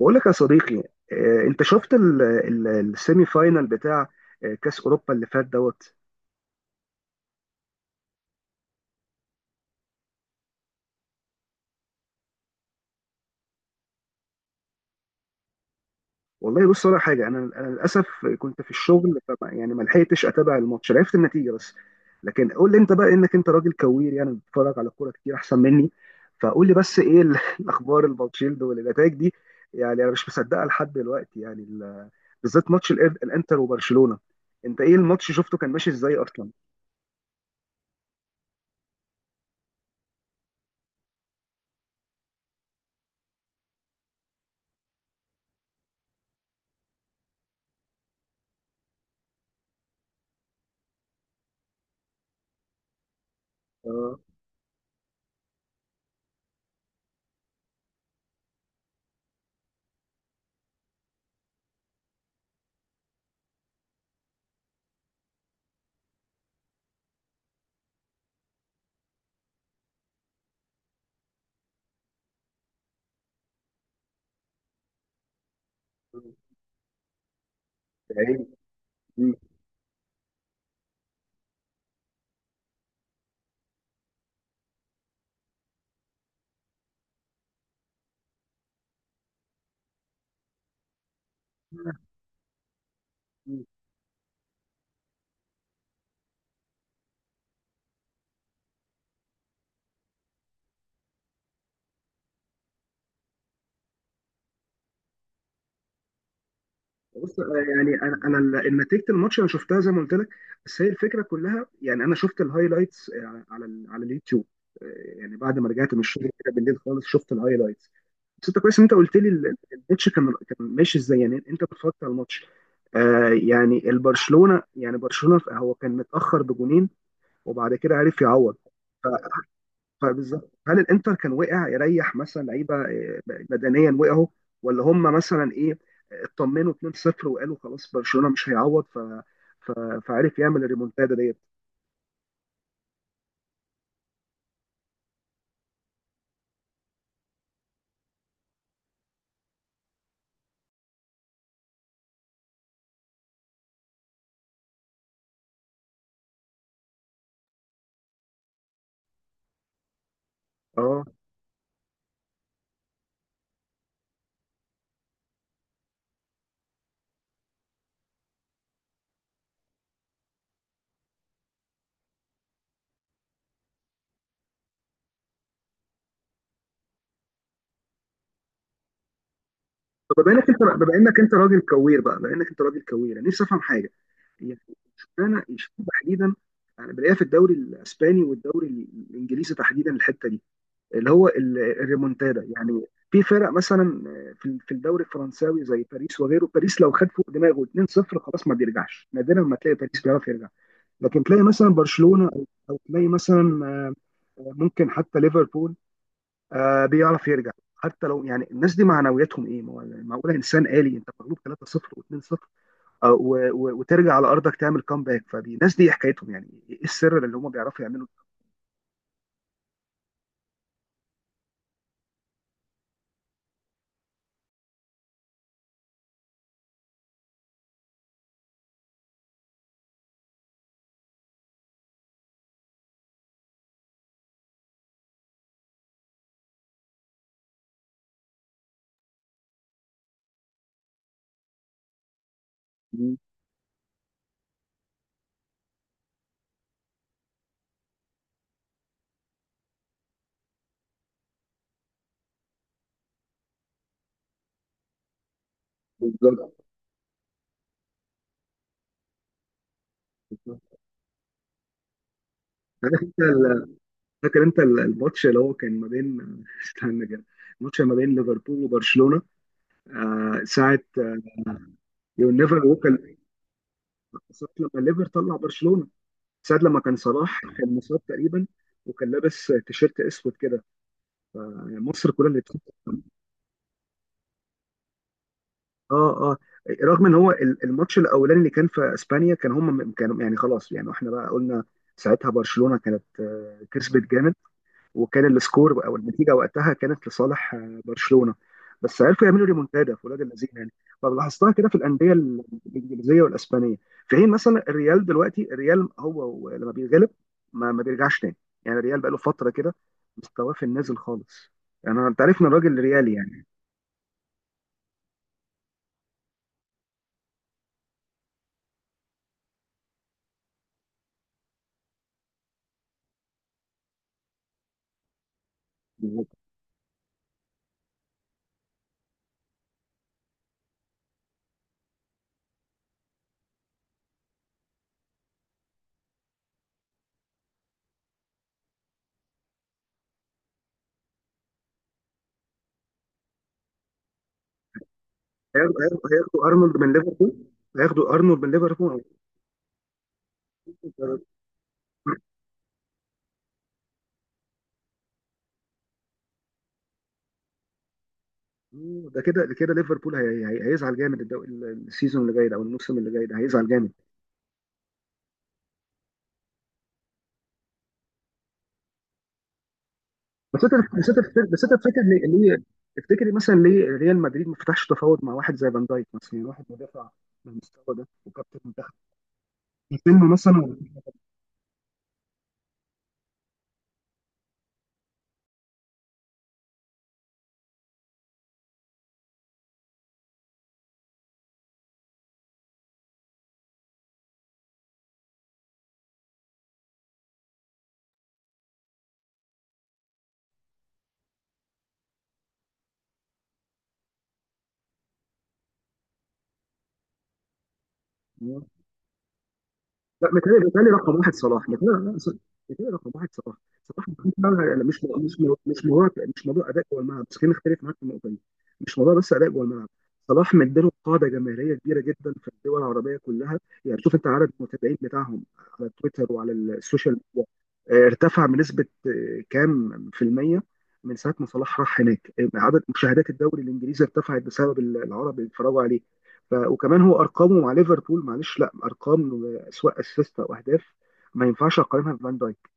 بقول لك يا صديقي. انت شفت السيمي فاينال بتاع كاس اوروبا اللي فات دوت. والله بص، ولا حاجه، انا للاسف كنت في الشغل، فما يعني ما لحقتش اتابع الماتش، عرفت النتيجه بس. لكن قول لي انت بقى، انك انت راجل كوير يعني، بتتفرج على كوره كتير احسن مني، فقول لي بس ايه الاخبار الباتشيلد والنتائج دي؟ يعني انا مش مصدقها لحد دلوقتي، يعني بالذات ماتش الانتر وبرشلونه. انت ايه، الماتش شفته كان ماشي ازاي اصلا؟ اه، يا عيني. بص، يعني انا نتيجه الماتش انا شفتها زي ما قلت لك، بس هي الفكره كلها. يعني انا شفت الهايلايتس على على اليوتيوب. آه، يعني بعد ما رجعت من الشغل كده بالليل خالص شفت الهايلايتس. بس انت كويس ان انت قلت لي الماتش كان ماشي ازاي، يعني انت اتفرجت على الماتش. يعني البرشلونه، يعني برشلونه هو كان متاخر بجونين، وبعد كده عرف يعوض. فبالظبط، هل الانتر كان وقع يريح مثلا لعيبه بدنيا وقعوا؟ ولا هم مثلا ايه، اطمنوا 2-0 وقالوا خلاص برشلونه مش هيعوض، ف... فعرف يعمل الريمونتادا ديت؟ اه. طب، بما انك انت راجل كوير بقى، بما انك انت راجل كوير انا نفسي افهم حاجه يعني. اشمعنى تحديدا انا بلاقيها في الدوري الاسباني والدوري الانجليزي تحديدا؟ الحته دي، اللي هو الريمونتادا يعني. في فرق مثلا، في الدوري الفرنساوي زي باريس وغيره، باريس لو خد فوق دماغه 2-0 خلاص، ما بيرجعش، نادرا ما تلاقي باريس بيعرف يرجع. لكن تلاقي مثلا برشلونة، او تلاقي مثلا ممكن حتى ليفربول بيعرف يرجع. حتى لو يعني، الناس دي معنوياتهم ايه؟ ما هو معقوله انسان آلي؟ انت مغلوب 3-0 و2-0، وترجع على ارضك تعمل كامباك. فالناس دي حكايتهم يعني ايه؟ السر اللي هم بيعرفوا يعملوا؟ مم. بالظبط. بالظبط. عارف انت، فاكر انت الماتش اللي هو كان ما بين؟ استنى كده، الماتش ما بين ليفربول وبرشلونه. ساعه، يو نيفر ووك، ساعه لما ليفر طلع برشلونه، ساعه لما كان صلاح كان مصاب تقريبا وكان لابس تيشيرت اسود كده، مصر كلها اللي بتحط. اه، اه. رغم ان هو الماتش الاولاني اللي كان في اسبانيا كان هم كانوا يعني خلاص، يعني احنا بقى قلنا ساعتها برشلونه كانت كسبت جامد، وكان السكور او النتيجه وقتها كانت لصالح برشلونه، بس عرفوا يعملوا ريمونتادا في ولاد اللذين يعني. فلاحظتها كده في الانديه الانجليزيه والاسبانيه. في حين مثلا الريال، دلوقتي الريال هو لما بيغلب ما بيرجعش تاني. يعني الريال بقى له فتره كده مستواه في النازل خالص، يعني انا، انت عارف ان الراجل ريالي يعني. هياخدوا ارنولد من ليفربول، هياخدوا ارنولد من ليفربول. ده كده، ده كده ليفربول هيزعل جامد، السيزون اللي جاي ده، او الموسم اللي جاي ده هيزعل جامد. بس انت بس انت فاكر ليه؟ تفتكري مثلا ليه ريال مدريد ما فتحش تفاوض مع واحد زي فان دايك مثلا؟ يعني واحد مدافع بالمستوى ده، وكابتن منتخب في سنه مثلا. لا، متهيألي رقم واحد صلاح، متهيألي. لا، متهيألي رقم واحد صلاح. مش موضوع. مش موضوع اداء جوه الملعب بس، خلينا نختلف معاك في النقطه دي. مش موضوع بس اداء جوه الملعب. صلاح مديله قاعده جماهيريه كبيره جدا في الدول العربيه كلها، يعني شوف انت عدد المتابعين بتاعهم على تويتر وعلى السوشيال ميديا ارتفع بنسبه كام في الميه من ساعه ما صلاح راح هناك. عدد مشاهدات الدوري الانجليزي ارتفعت بسبب العرب اللي اتفرجوا عليه. وكمان هو ارقامه مع ليفربول، معلش، لا ارقام، سواء اسيست او اهداف، ما ينفعش اقارنها بفان دايك.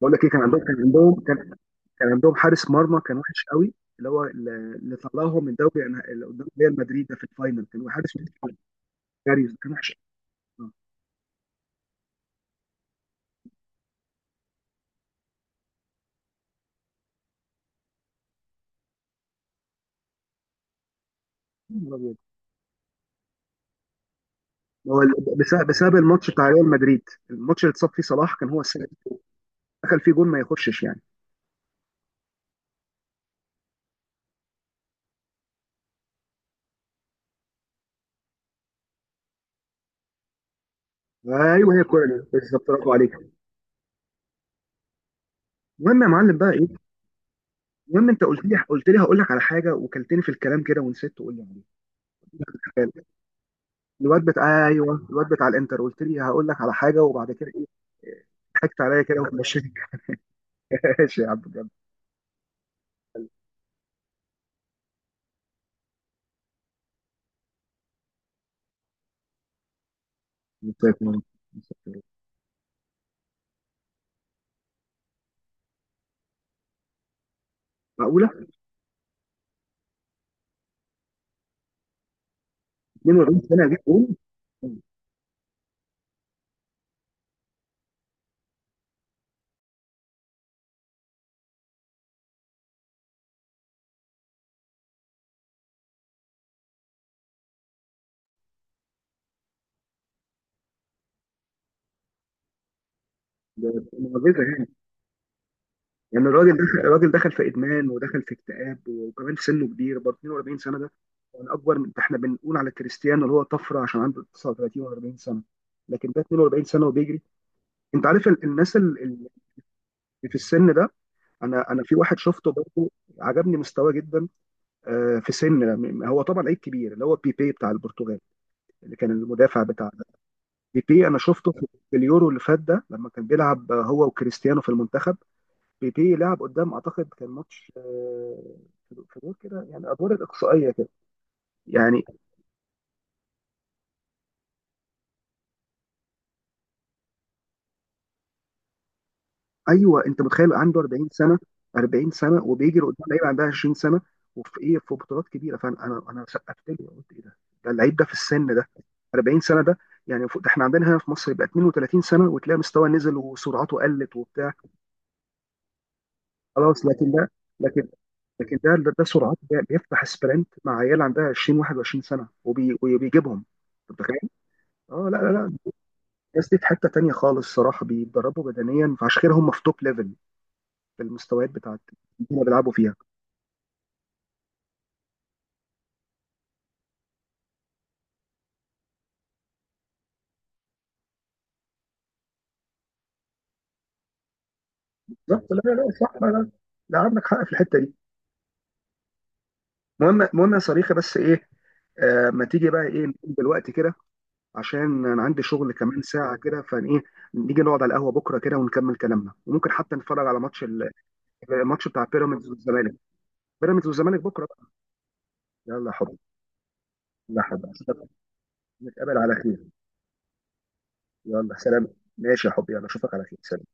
بقول لك ايه، كان عندهم كان عندهم حارس مرمى كان وحش قوي، اللي هو اللي طلعهم من دوري اللي قدام ريال مدريد ده في الفاينل، كان حارس. كاريوس كان وحش قوي. آه. يا نهار أبيض. هو بسبب الماتش بتاع ريال مدريد، الماتش اللي اتصاب فيه صلاح كان هو السبب. دخل فيه جون ما يخشش يعني. ايوه، هي الكوره دي بالظبط، برافو عليك. المهم يا معلم بقى ايه، المهم انت قلت لي، هقول لك على حاجه، وكلتني في الكلام كده ونسيت تقول لي. الواد بتاع، ايوه الواد بتاع الانتر، قلت لي هقول لك على حاجه وبعد كده ايه؟ ضحكت عليا كده ومشيت. ماشي يا عم بجد. مسافر، مسافر. معقوله 42 سنه اجيب جول؟ ده معجزه يعني. يعني الراجل دخل، في ادمان ودخل في اكتئاب، وكمان في سنه كبير برضه، 42 سنه ده. يعني اكبر من ده، احنا بنقول على كريستيانو اللي هو طفره عشان عنده 39 و40 سنه، لكن ده 42 سنه وبيجري. انت عارف الناس اللي في السن ده؟ انا في واحد شفته برضه عجبني مستواه جدا في سن، هو طبعا لعيب كبير، اللي هو بيبي بتاع البرتغال، اللي كان المدافع بتاعنا. بيبي انا شفته في اليورو اللي فات ده، لما كان بيلعب هو وكريستيانو في المنتخب. بيبي لعب قدام، اعتقد كان ماتش في دور كده، يعني ادوار الاقصائيه كده يعني. ايوه، انت متخيل عنده 40 سنه؟ 40 سنه وبيجري قدام لعيب عندها 20 سنه، وفي ايه؟ في بطولات كبيره! فانا انا انا سقفت له قلت ايه ده؟ ده اللعيب ده في السن ده، 40 سنه ده! يعني فوق ده احنا عندنا هنا في مصر يبقى 32 سنه وتلاقي مستوى نزل وسرعته قلت وبتاع خلاص. لكن ده، لكن لكن ده، سرعته ده بيفتح سبرنت مع عيال عندها 20، 21 سنه، وبيجيبهم. انت متخيل؟ اه، لا، لا، لا. الناس دي في حته تانيه خالص صراحه، بيتدربوا بدنيا، فعشان كده هم في توب ليفل في المستويات بتاعت اللي هم بيلعبوا فيها. بالظبط. لا، لا، لا. صح. لا، لا. لا، عندك حق في الحته دي. مهم، مهم يا صريخه، بس ايه، ما تيجي بقى ايه، نقوم دلوقتي كده عشان انا عندي شغل كمان ساعه كده؟ فايه، نيجي نقعد على القهوه بكره كده ونكمل كلامنا، وممكن حتى نتفرج على ماتش الماتش بتاع بيراميدز والزمالك، بيراميدز والزمالك بكره بقى. يلا يا حبيبي. يلا يا حبيبي، نتقابل على خير. يلا سلام. ماشي يا حبيبي، يلا اشوفك على خير، سلام.